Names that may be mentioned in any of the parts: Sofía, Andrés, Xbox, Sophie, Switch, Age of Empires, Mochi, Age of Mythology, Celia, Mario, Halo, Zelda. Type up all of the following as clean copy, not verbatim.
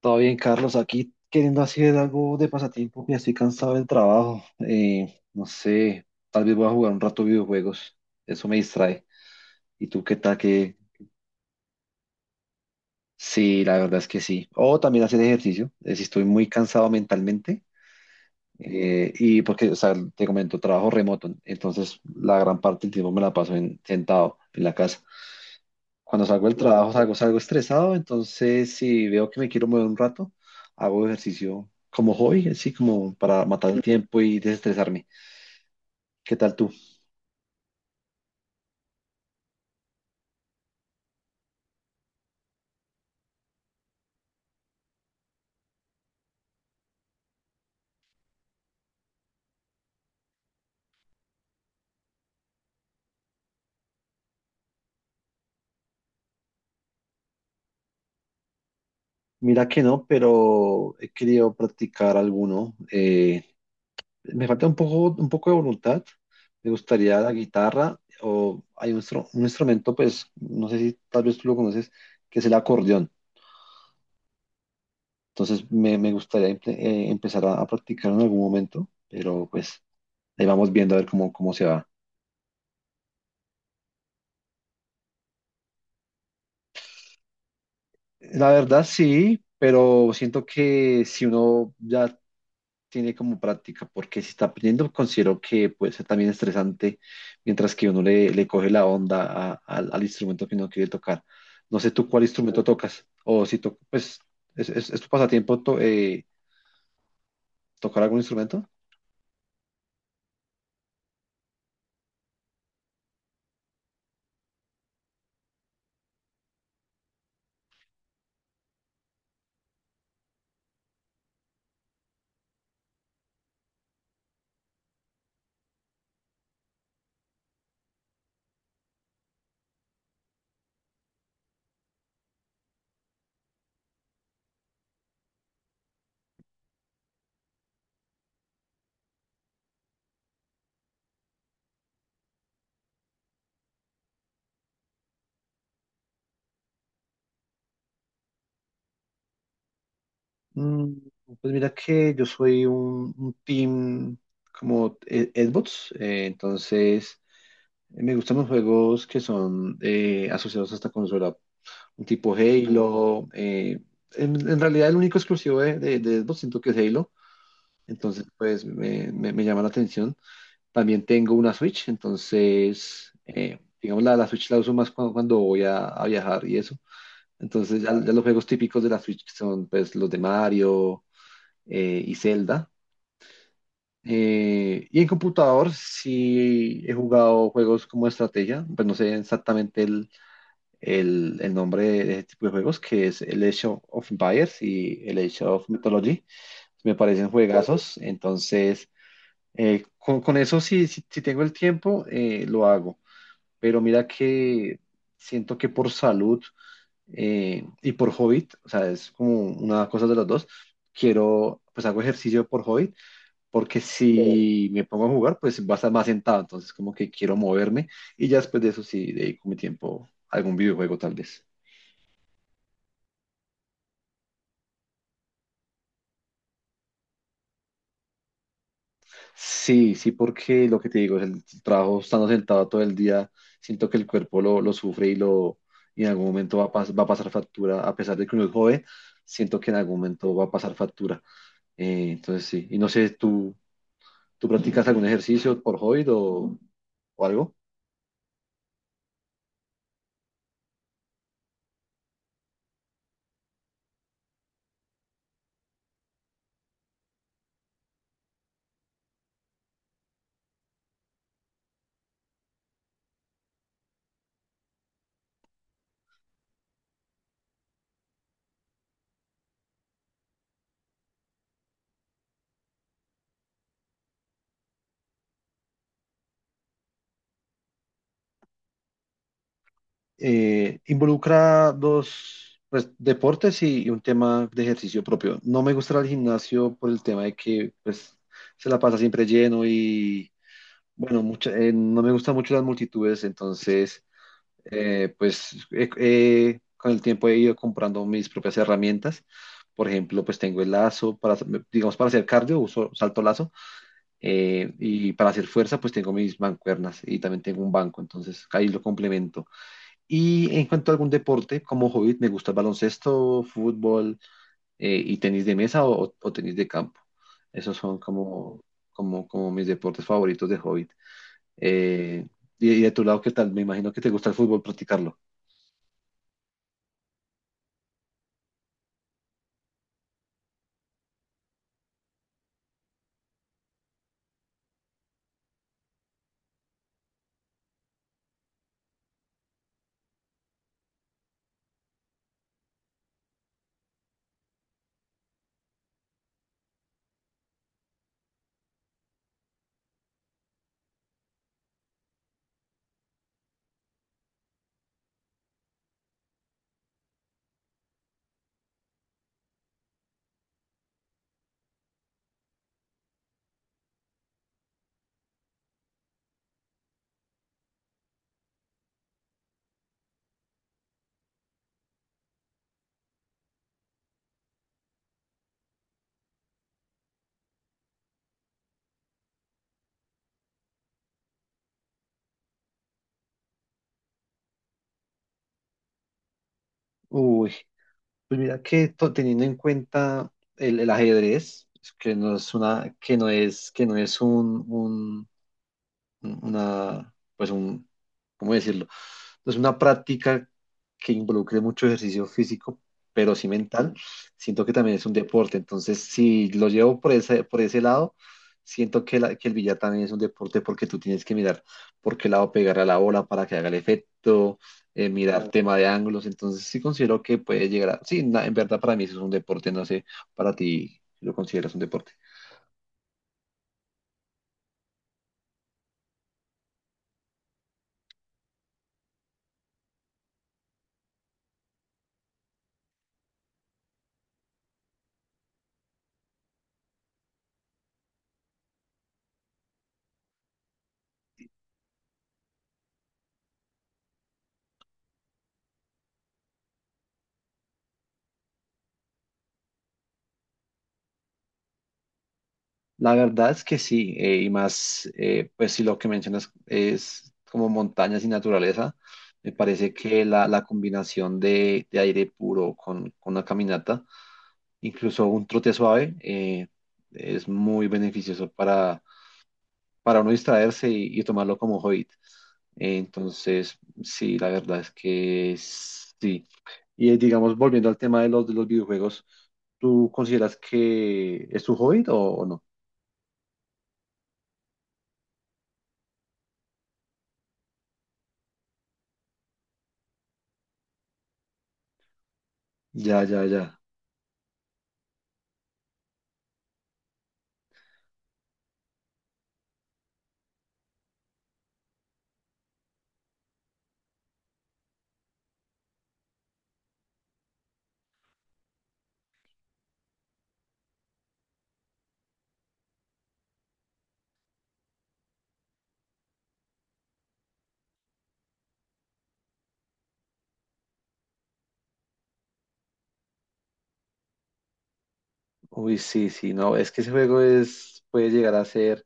Todo bien, Carlos, aquí queriendo hacer algo de pasatiempo, ya estoy cansado del trabajo. No sé, tal vez voy a jugar un rato videojuegos, eso me distrae. ¿Y tú qué tal que? Sí, la verdad es que sí. O también hacer ejercicio, si estoy muy cansado mentalmente. Y porque, o sea, te comento, trabajo remoto, entonces la gran parte del tiempo me la paso sentado en la casa. Cuando salgo del trabajo salgo estresado, entonces si veo que me quiero mover un rato, hago ejercicio como hobby, así como para matar el tiempo y desestresarme. ¿Qué tal tú? Mira que no, pero he querido practicar alguno. Me falta un poco de voluntad. Me gustaría la guitarra o hay un instrumento, pues no sé si tal vez tú lo conoces, que es el acordeón. Entonces me gustaría empezar a practicar en algún momento, pero pues ahí vamos viendo a ver cómo se va. La verdad sí, pero siento que si uno ya tiene como práctica, porque si está aprendiendo, considero que puede ser también estresante, mientras que uno le coge la onda al instrumento que uno quiere tocar. No sé tú cuál instrumento tocas, o si tocas, pues, ¿es tu pasatiempo tocar algún instrumento? Mm, pues mira que yo soy un team como Xbox, entonces... Me gustan los juegos que son asociados hasta consola, un tipo Halo. En realidad el único exclusivo de Xbox siento que es Halo, entonces pues me llama la atención. También tengo una Switch, entonces digamos la Switch la uso más cuando voy a viajar y eso. Entonces ya los juegos típicos de la Switch que son pues los de Mario y Zelda. Y en computador sí he jugado juegos como estrategia, pues no sé exactamente el nombre de ese tipo de juegos, que es el Age of Empires y el Age of Mythology. Me parecen juegazos, entonces con eso si tengo el tiempo, lo hago. Pero mira que siento que por salud y por hobby, o sea, es como una cosa de las dos, quiero, pues hago ejercicio por hobby, porque, sí, si me pongo a jugar, pues va a estar más sentado, entonces como que quiero moverme y ya después de eso sí dedico mi tiempo a algún videojuego tal vez. Sí, sí, porque lo que te digo es el trabajo estando sentado todo el día, siento que el cuerpo lo sufre y en algún momento va a pasar factura, a pesar de que uno es joven, siento que en algún momento va a pasar factura. Entonces sí, y no sé, ¿tú practicas algún ejercicio por hobby o algo? Involucra dos pues, deportes y un tema de ejercicio propio. No me gusta el gimnasio por el tema de que pues, se la pasa siempre lleno. Bueno, no me gustan mucho las multitudes, entonces, pues con el tiempo he ido comprando mis propias herramientas. Por ejemplo, pues tengo el lazo digamos, para hacer cardio, uso salto lazo, y para hacer fuerza, pues tengo mis mancuernas y también tengo un banco, entonces ahí lo complemento. Y en cuanto a algún deporte, como hobby, me gusta el baloncesto, fútbol, y tenis de mesa o tenis de campo. Esos son como mis deportes favoritos de hobby. Eh, y de tu lado, ¿qué tal? Me imagino que te gusta el fútbol, practicarlo. Uy, pues mira que teniendo en cuenta el ajedrez, que no es una, que no es una, pues un, ¿cómo decirlo? Entonces, una práctica que involucre mucho ejercicio físico, pero sí mental, siento que también es un deporte. Entonces, si lo llevo por ese lado, siento que, que el billar también es un deporte porque tú tienes que mirar por qué lado pegar a la bola para que haga el efecto, mirar tema de ángulos. Entonces, sí considero que puede llegar a. Sí, en verdad para mí eso es un deporte, no sé, ¿para ti lo consideras un deporte? La verdad es que sí, y más, pues si lo que mencionas es como montañas y naturaleza, me parece que la combinación de aire puro con una caminata, incluso un trote suave, es muy beneficioso para uno distraerse y tomarlo como hobby. Entonces, sí, la verdad es que sí. Y digamos, volviendo al tema de los videojuegos, ¿tú consideras que es tu hobby o no? Ya, ya, ya. Uy, sí, sí, no, es que ese juego es, puede llegar a ser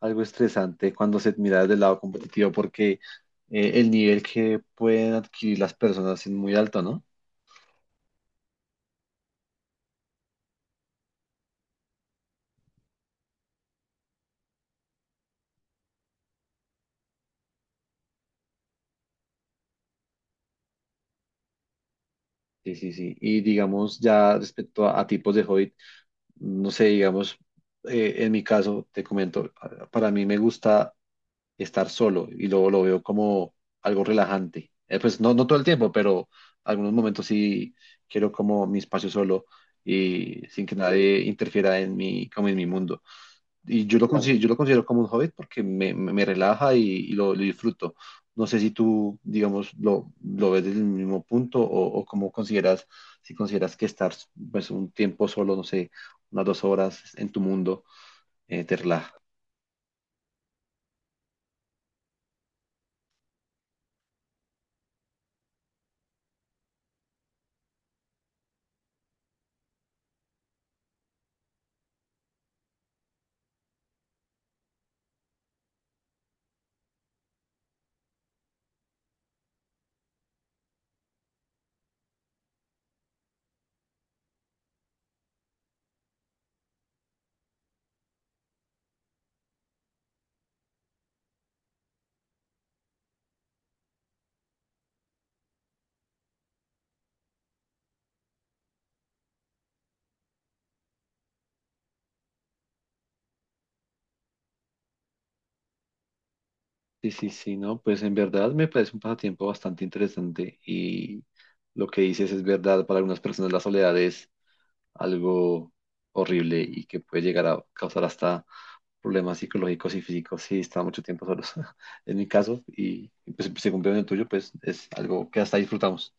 algo estresante cuando se mira desde el lado competitivo porque el nivel que pueden adquirir las personas es muy alto, ¿no? Sí, sí, sí. Y digamos, ya respecto a tipos de hobby, no sé, digamos, en mi caso, te comento, para mí me gusta estar solo y luego lo veo como algo relajante. Pues no, no todo el tiempo, pero algunos momentos sí quiero como mi espacio solo y sin que nadie interfiera como en mi mundo. Y yo lo Claro. Yo lo considero como un hobby porque me relaja y lo disfruto. No sé si tú, digamos, lo ves desde el mismo punto o cómo consideras, si consideras que estar pues, un tiempo solo, no sé, unas 2 horas en tu mundo, te relaja. Sí, sí, sí, no, pues en verdad me parece un pasatiempo bastante interesante y lo que dices es verdad, para algunas personas la soledad es algo horrible y que puede llegar a causar hasta problemas psicológicos y físicos si está mucho tiempo solos. En mi caso, y pues se cumplió en el tuyo, pues es algo que hasta disfrutamos.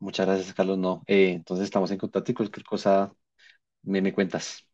Muchas gracias, Carlos, no. Entonces estamos en contacto y cualquier cosa me cuentas.